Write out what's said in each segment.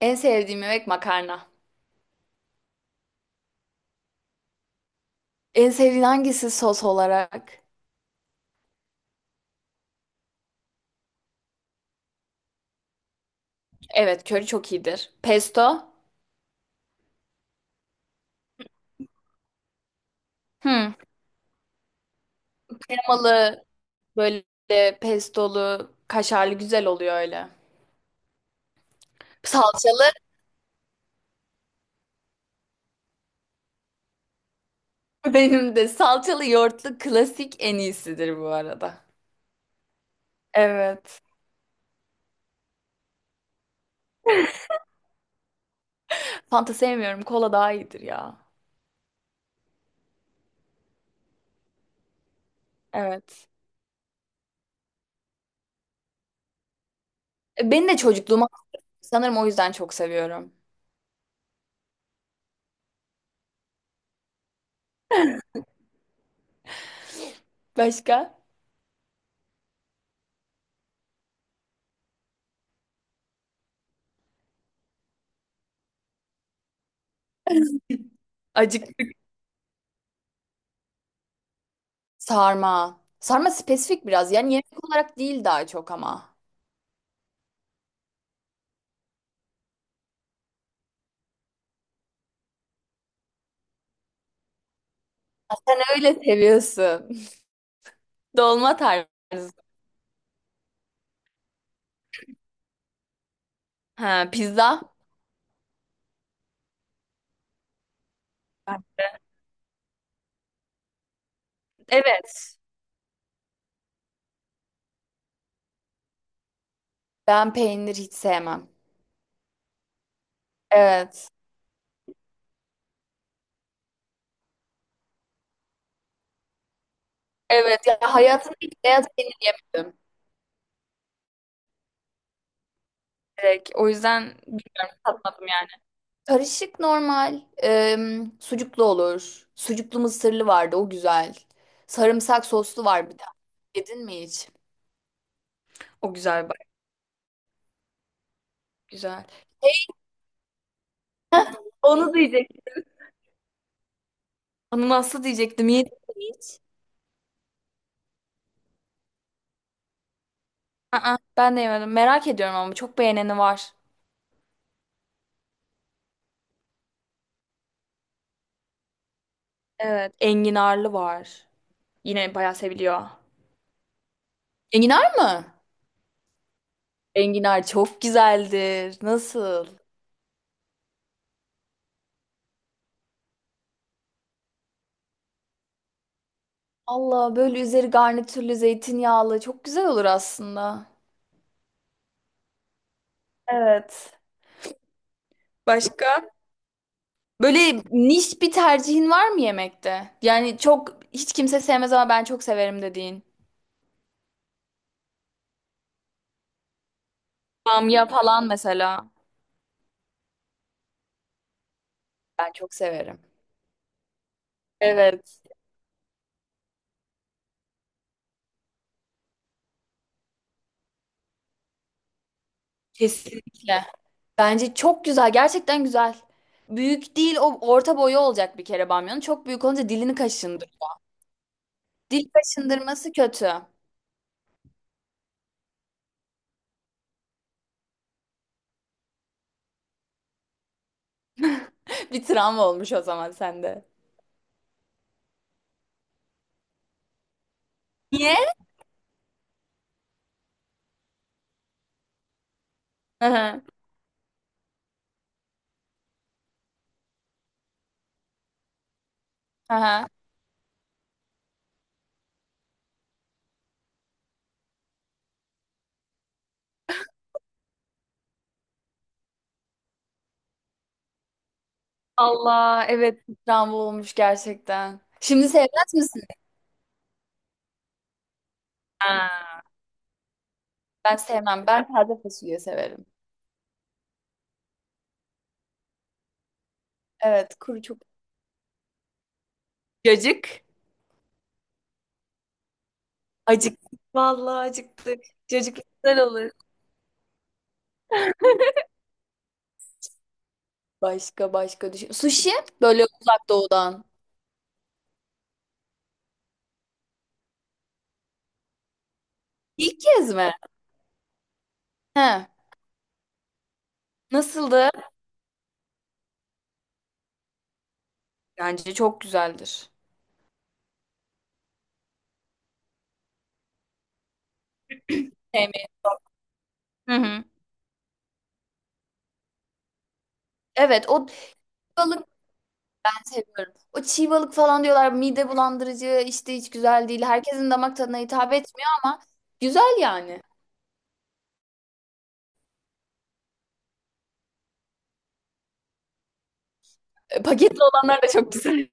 En sevdiğim yemek makarna. En sevdiğin hangisi sos olarak? Evet, köri çok iyidir. Pesto? Hmm. Kremalı, böyle pestolu, kaşarlı güzel oluyor öyle. Salçalı. Benim de salçalı yoğurtlu klasik en iyisidir bu arada. Evet. Fanta sevmiyorum. Kola daha iyidir ya. Evet. Beni de çocukluğuma sanırım o yüzden çok seviyorum. Başka? Acıktık. Sarma. Sarma spesifik biraz. Yani yemek olarak değil daha çok ama. Sen öyle seviyorsun. Dolma tarzı. Ha, pizza. Ben de. Evet. Ben peynir hiç sevmem. Evet. Evet. Ya hayatımda hiç beyaz peynir yemedim. Direkt. O yüzden bilmiyorum, tatmadım yani. Karışık normal. Sucuklu olur. Sucuklu mısırlı vardı, o güzel. Sarımsak soslu var bir de. Yedin mi hiç? O güzel bak. Güzel. Onu diyecektim. Onu nasıl diyecektim? Yedim. Aa, ben de yemedim. Merak ediyorum ama çok beğeneni var. Evet. Enginarlı var. Yine bayağı seviliyor. Enginar mı? Enginar çok güzeldir. Nasıl? Allah, böyle üzeri garnitürlü zeytinyağlı çok güzel olur aslında. Evet. Başka? Böyle niş bir tercihin var mı yemekte? Yani çok hiç kimse sevmez ama ben çok severim dediğin. Bamya falan mesela. Ben çok severim. Evet. Kesinlikle. Bence çok güzel. Gerçekten güzel. Büyük değil, o orta boyu olacak bir kere bamyanın. Çok büyük olunca dilini kaşındır. Dil kaşındırması kötü. Bir travma olmuş o zaman sende. Niye? Hı hı. Hı hı. Allah, evet. Bir travma olmuş gerçekten. Şimdi sevmez misin? Ha. Ben sevmem. Ben taze fasulye severim. Evet, kuru çok. Cacık. Acık. Vallahi acıktık. Cacık güzel olur. Başka başka düşün. Sushi, böyle uzak doğudan. İlk kez mi? He. Nasıldı? Bence çok güzeldir. Sevmeyi. Hı hı. Evet, o çiğ balık ben seviyorum. O çiğ balık falan diyorlar mide bulandırıcı işte, hiç güzel değil. Herkesin damak tadına hitap etmiyor ama güzel yani. Paketli olanlar da çok güzel.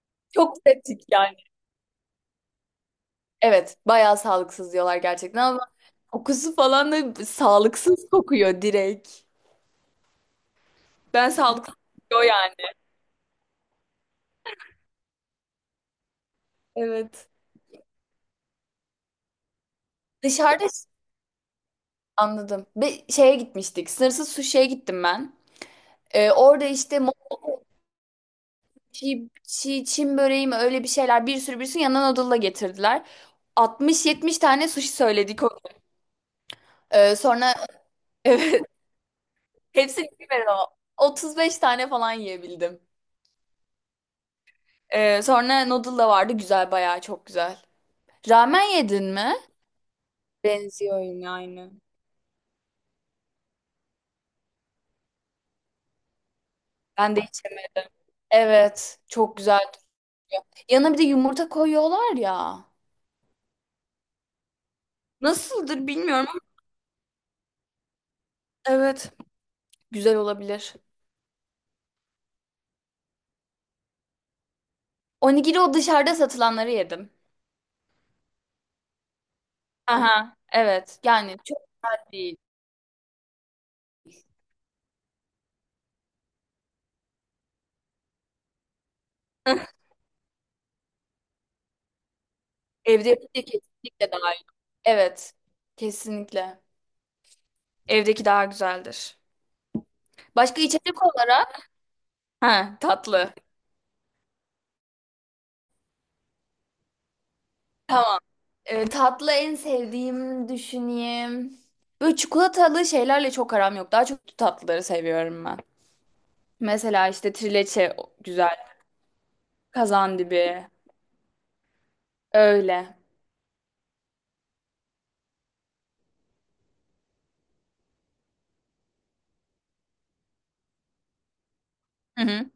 Çok pratik yani. Evet, bayağı sağlıksız diyorlar gerçekten ama kokusu falan da sağlıksız kokuyor direkt. Ben sağlıksız. O yani. Evet. Dışarıda, anladım. Bir şeye gitmiştik. Sınırsız suşiye gittim ben. Orada işte Çin böreği mi, öyle bir şeyler, bir sürü bir sürü yanına noodle'la getirdiler. 60-70 tane sushi söyledik. O- sonra evet hepsini yemedim ama 35 tane falan yiyebildim. Sonra noodle da vardı, güzel, bayağı çok güzel. Ramen yedin mi? Benziyor yine aynı. Ben de içerim. Evet, çok güzel. Yanına bir de yumurta koyuyorlar ya. Nasıldır bilmiyorum ama evet, güzel olabilir. Onigiri, o dışarıda satılanları yedim. Aha, evet. Yani çok güzel değil. Evde yapınca kesinlikle daha iyi. Evet. Kesinlikle. Evdeki daha güzeldir. Başka içecek olarak? Ha, tatlı. Tamam. Tatlı en sevdiğim, düşüneyim. Böyle çikolatalı şeylerle çok aram yok. Daha çok tatlıları seviyorum ben. Mesela işte trileçe o- güzel. Kazandibi. Öyle. Hı hı.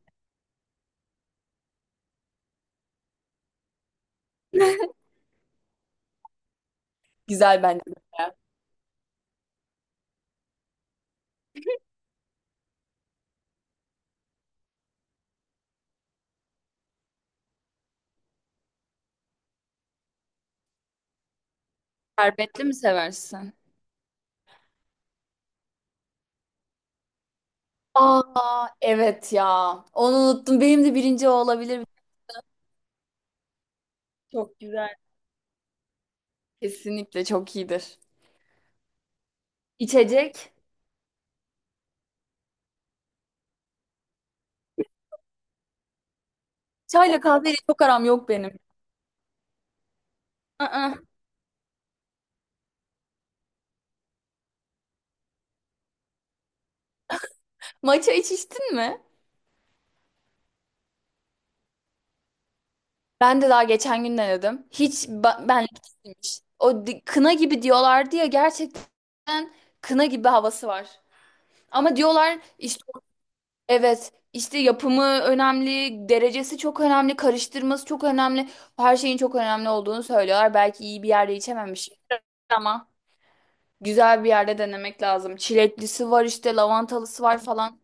Güzel bence. Şerbetli mi seversin? Aa, evet ya. Onu unuttum. Benim de birinci o olabilir. Çok güzel. Kesinlikle çok iyidir. İçecek. Çayla kahveyle çok aram yok benim. Aa, matcha hiç içtin mi? Ben de daha geçen gün denedim. Hiç benlik değilmiş. Kına gibi diyorlardı ya, gerçekten kına gibi havası var. Ama diyorlar işte. Evet, işte yapımı önemli, derecesi çok önemli, karıştırması çok önemli. Her şeyin çok önemli olduğunu söylüyorlar. Belki iyi bir yerde içememiş ama güzel bir yerde denemek lazım. Çileklisi var işte, lavantalısı var falan.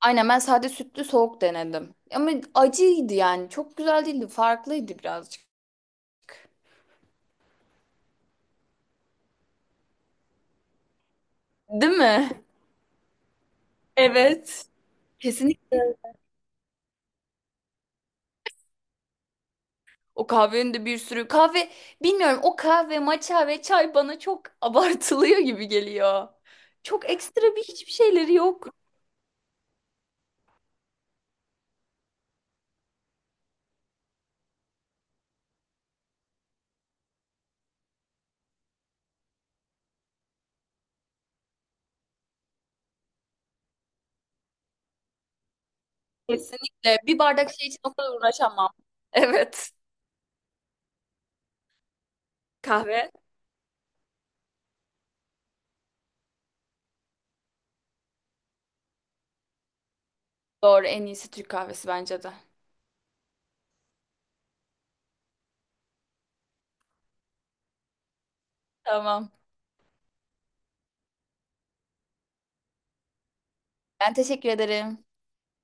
Aynen, ben sade sütlü soğuk denedim. Ama acıydı yani. Çok güzel değildi, farklıydı birazcık. Değil mi? Evet. Kesinlikle. O kahvenin de bir sürü kahve, bilmiyorum, o kahve matcha ve çay bana çok abartılıyor gibi geliyor. Çok ekstra bir hiçbir şeyleri yok. Kesinlikle bir bardak şey için o kadar uğraşamam. Evet, kahve, doğru, en iyisi Türk kahvesi bence de. Tamam, ben teşekkür ederim.